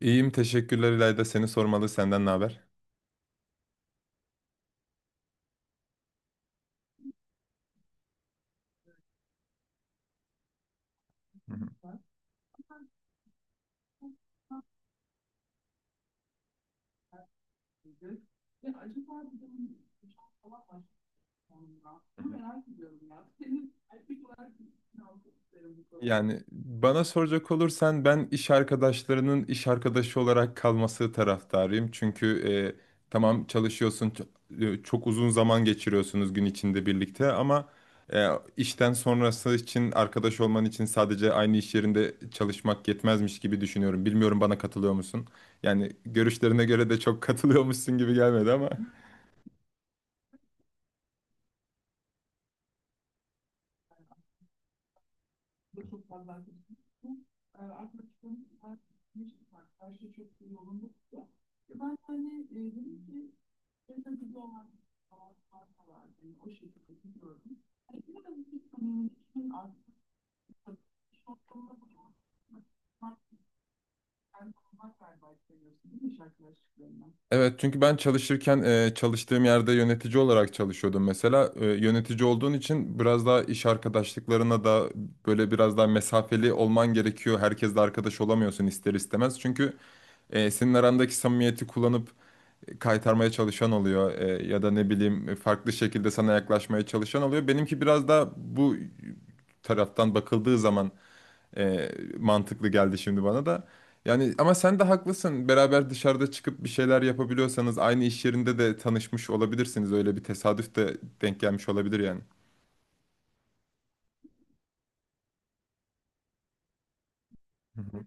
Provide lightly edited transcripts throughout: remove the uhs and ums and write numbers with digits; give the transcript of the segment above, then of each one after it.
İyiyim teşekkürler İlayda, seni sormalı, senden ne haber? Hı hı. Yani bana soracak olursan ben iş arkadaşlarının iş arkadaşı olarak kalması taraftarıyım. Çünkü tamam çalışıyorsun, çok uzun zaman geçiriyorsunuz gün içinde birlikte, ama e, işten sonrası için arkadaş olman için sadece aynı iş yerinde çalışmak yetmezmiş gibi düşünüyorum. Bilmiyorum, bana katılıyor musun? Yani görüşlerine göre de çok katılıyormuşsun gibi gelmedi ama. Evet, çünkü ben çalışırken çalıştığım yerde yönetici olarak çalışıyordum mesela. Yönetici olduğun için biraz daha iş arkadaşlıklarına da böyle biraz daha mesafeli olman gerekiyor. Herkesle arkadaş olamıyorsun ister istemez. Çünkü senin arandaki samimiyeti kullanıp kaytarmaya çalışan oluyor. Ya da ne bileyim, farklı şekilde sana yaklaşmaya çalışan oluyor. Benimki biraz daha bu taraftan bakıldığı zaman e, mantıklı geldi şimdi bana da. Yani ama sen de haklısın. Beraber dışarıda çıkıp bir şeyler yapabiliyorsanız aynı iş yerinde de tanışmış olabilirsiniz. Öyle bir tesadüf de denk gelmiş olabilir yani. Hı hı.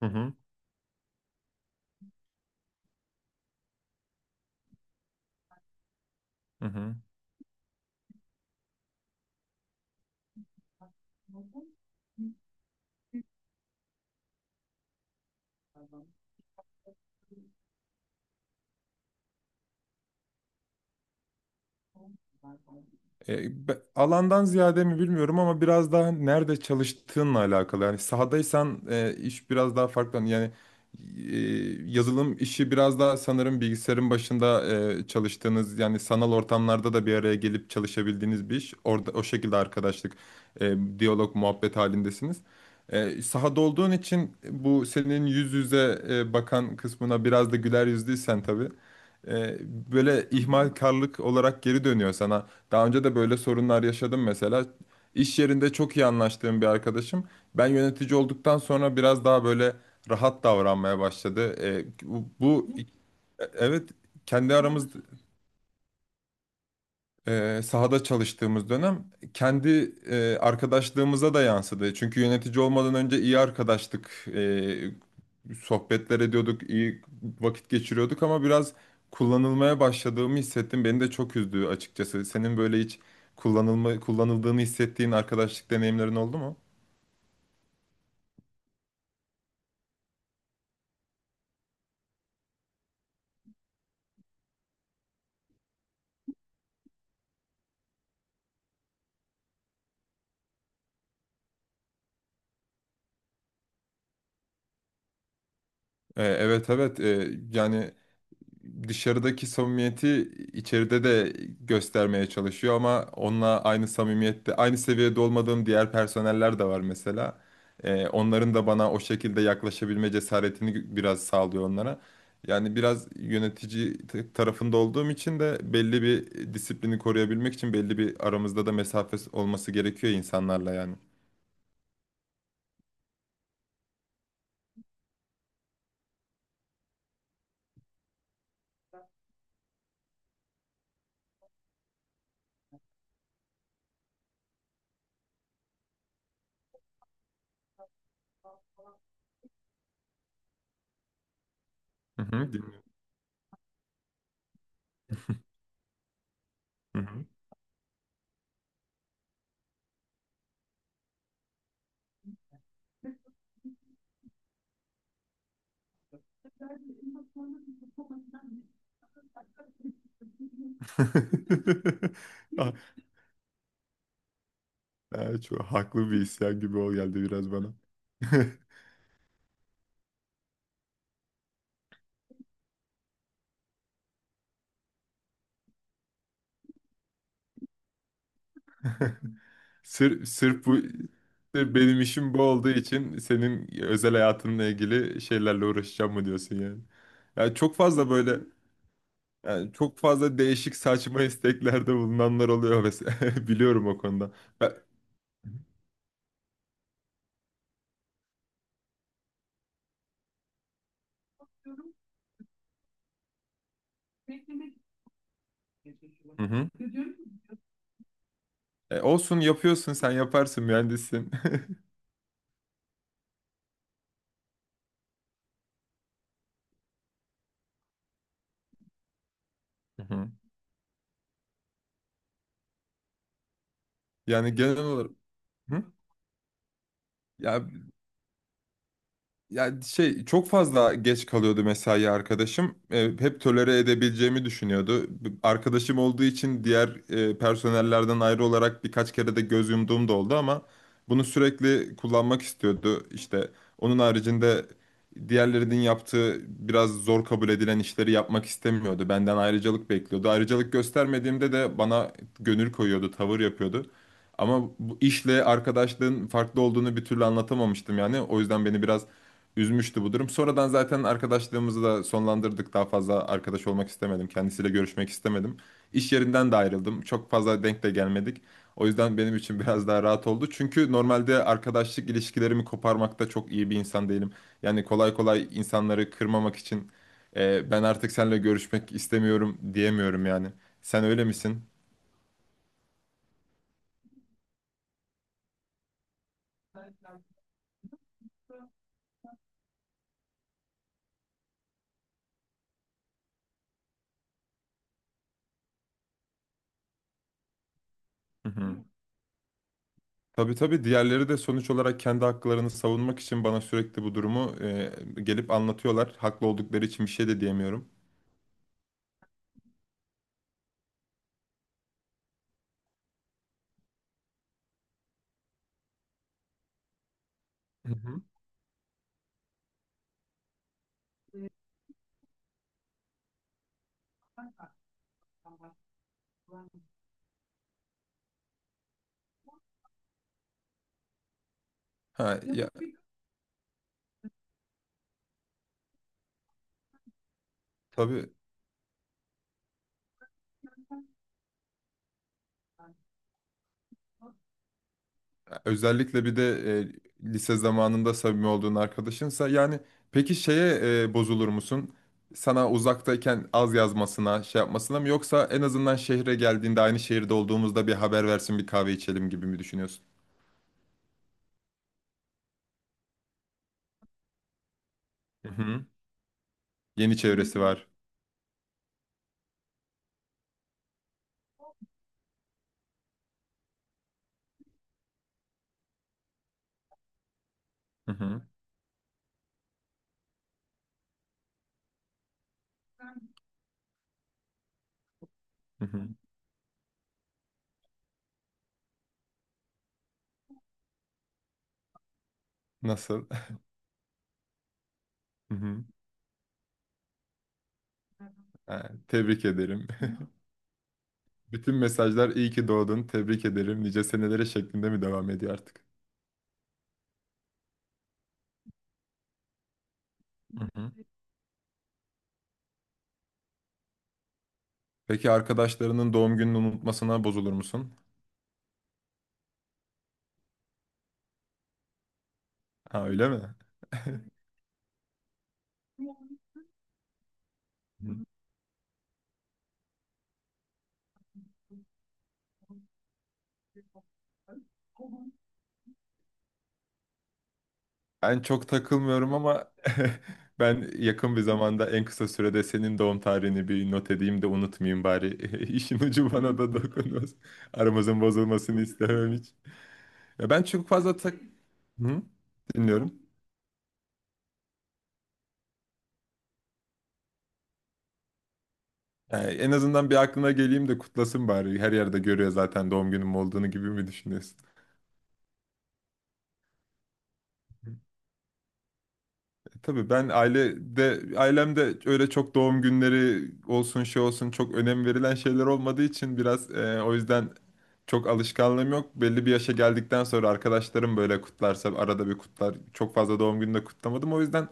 Hı hı. Hı hı. Alandan ziyade mi bilmiyorum ama biraz daha nerede çalıştığınla alakalı. Yani sahadaysan iş biraz daha farklı. Yani e, yazılım işi biraz daha sanırım bilgisayarın başında çalıştığınız, yani sanal ortamlarda da bir araya gelip çalışabildiğiniz bir iş. Orada o şekilde arkadaşlık, diyalog, muhabbet halindesiniz. Sahada olduğun için bu senin yüz yüze bakan kısmına, biraz da güler yüzlüysen tabii, e, böyle ihmalkarlık olarak geri dönüyor sana. Daha önce de böyle sorunlar yaşadım mesela. İş yerinde çok iyi anlaştığım bir arkadaşım, ben yönetici olduktan sonra biraz daha böyle rahat davranmaya başladı. Evet, kendi aramız, sahada çalıştığımız dönem kendi arkadaşlığımıza da yansıdı. Çünkü yönetici olmadan önce iyi arkadaştık. Sohbetler ediyorduk, iyi vakit geçiriyorduk ama biraz kullanılmaya başladığımı hissettim. Beni de çok üzdü açıkçası. Senin böyle hiç kullanıldığını hissettiğin arkadaşlık deneyimlerin oldu mu? Evet evet. Yani dışarıdaki samimiyeti içeride de göstermeye çalışıyor ama onunla aynı samimiyette, aynı seviyede olmadığım diğer personeller de var mesela. Onların da bana o şekilde yaklaşabilme cesaretini biraz sağlıyor onlara. Yani biraz yönetici tarafında olduğum için de belli bir disiplini koruyabilmek için belli bir aramızda da mesafe olması gerekiyor insanlarla yani. Hı hı, dinliyorum. Hı hı. Ah, ah, çok haklı bir isyan gibi o geldi biraz bana. Sırf bu, sırf benim işim bu olduğu için senin özel hayatınla ilgili şeylerle uğraşacağım mı diyorsun yani? Yani çok fazla böyle, yani çok fazla değişik saçma isteklerde bulunanlar oluyor mesela. Biliyorum o konuda. Ben- Hı hı. E, olsun, yapıyorsun, sen yaparsın, mühendissin. Hı hı. Yani genel olarak. Hı? Ya yani şey, çok fazla geç kalıyordu mesai arkadaşım. Hep tolere edebileceğimi düşünüyordu. Arkadaşım olduğu için diğer personellerden ayrı olarak birkaç kere de göz yumduğum da oldu ama bunu sürekli kullanmak istiyordu. İşte onun haricinde diğerlerinin yaptığı biraz zor kabul edilen işleri yapmak istemiyordu. Benden ayrıcalık bekliyordu. Ayrıcalık göstermediğimde de bana gönül koyuyordu, tavır yapıyordu. Ama bu işle arkadaşlığın farklı olduğunu bir türlü anlatamamıştım yani. O yüzden beni biraz üzmüştü bu durum. Sonradan zaten arkadaşlığımızı da sonlandırdık. Daha fazla arkadaş olmak istemedim. Kendisiyle görüşmek istemedim. İş yerinden de ayrıldım. Çok fazla denk de gelmedik. O yüzden benim için biraz daha rahat oldu. Çünkü normalde arkadaşlık ilişkilerimi koparmakta çok iyi bir insan değilim. Yani kolay kolay insanları kırmamak için ben artık seninle görüşmek istemiyorum diyemiyorum yani. Sen öyle misin? Hı hı. Tabii tabii, diğerleri de sonuç olarak kendi haklarını savunmak için bana sürekli bu durumu, gelip anlatıyorlar. Haklı oldukları için bir şey de diyemiyorum. Hı hı. Ha ya, tabii, özellikle bir de lise zamanında samimi olduğun arkadaşınsa, yani peki şeye, bozulur musun? Sana uzaktayken az yazmasına, şey yapmasına mı, yoksa en azından şehre geldiğinde aynı şehirde olduğumuzda bir haber versin, bir kahve içelim gibi mi düşünüyorsun? Hı hı. Yeni çevresi var. Hı hı. Hı hı. Nasıl? Yani tebrik ederim. Bütün mesajlar iyi ki doğdun, tebrik ederim, nice senelere şeklinde mi devam ediyor artık? Hı hı. Peki arkadaşlarının doğum gününü unutmasına bozulur musun? Ha, öyle mi? Hı. Ben çok takılmıyorum ama ben yakın bir zamanda en kısa sürede senin doğum tarihini bir not edeyim de unutmayayım bari. İşin ucu bana da dokunmaz. Aramızın bozulmasını istemem hiç. Ya ben çok fazla tak... Hı? Dinliyorum. Yani en azından bir aklına geleyim de kutlasın bari. Her yerde görüyor zaten doğum günüm olduğunu gibi mi düşünüyorsun? E, tabii ben ailede, ailemde öyle çok doğum günleri olsun, şey olsun, çok önem verilen şeyler olmadığı için biraz o yüzden çok alışkanlığım yok. Belli bir yaşa geldikten sonra arkadaşlarım böyle kutlarsa arada bir kutlar. Çok fazla doğum gününü de kutlamadım. O yüzden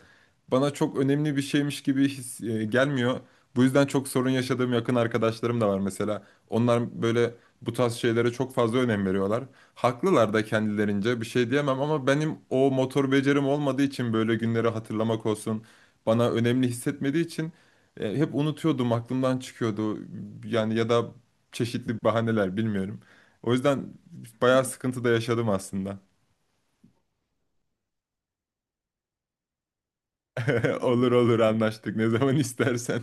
bana çok önemli bir şeymiş gibi gelmiyor. Bu yüzden çok sorun yaşadığım yakın arkadaşlarım da var mesela. Onlar böyle bu tarz şeylere çok fazla önem veriyorlar. Haklılar da kendilerince, bir şey diyemem, ama benim o motor becerim olmadığı için böyle günleri hatırlamak olsun bana önemli hissetmediği için hep unutuyordum, aklımdan çıkıyordu yani, ya da çeşitli bahaneler, bilmiyorum. O yüzden bayağı sıkıntı da yaşadım aslında. Olur olur, anlaştık, ne zaman istersen.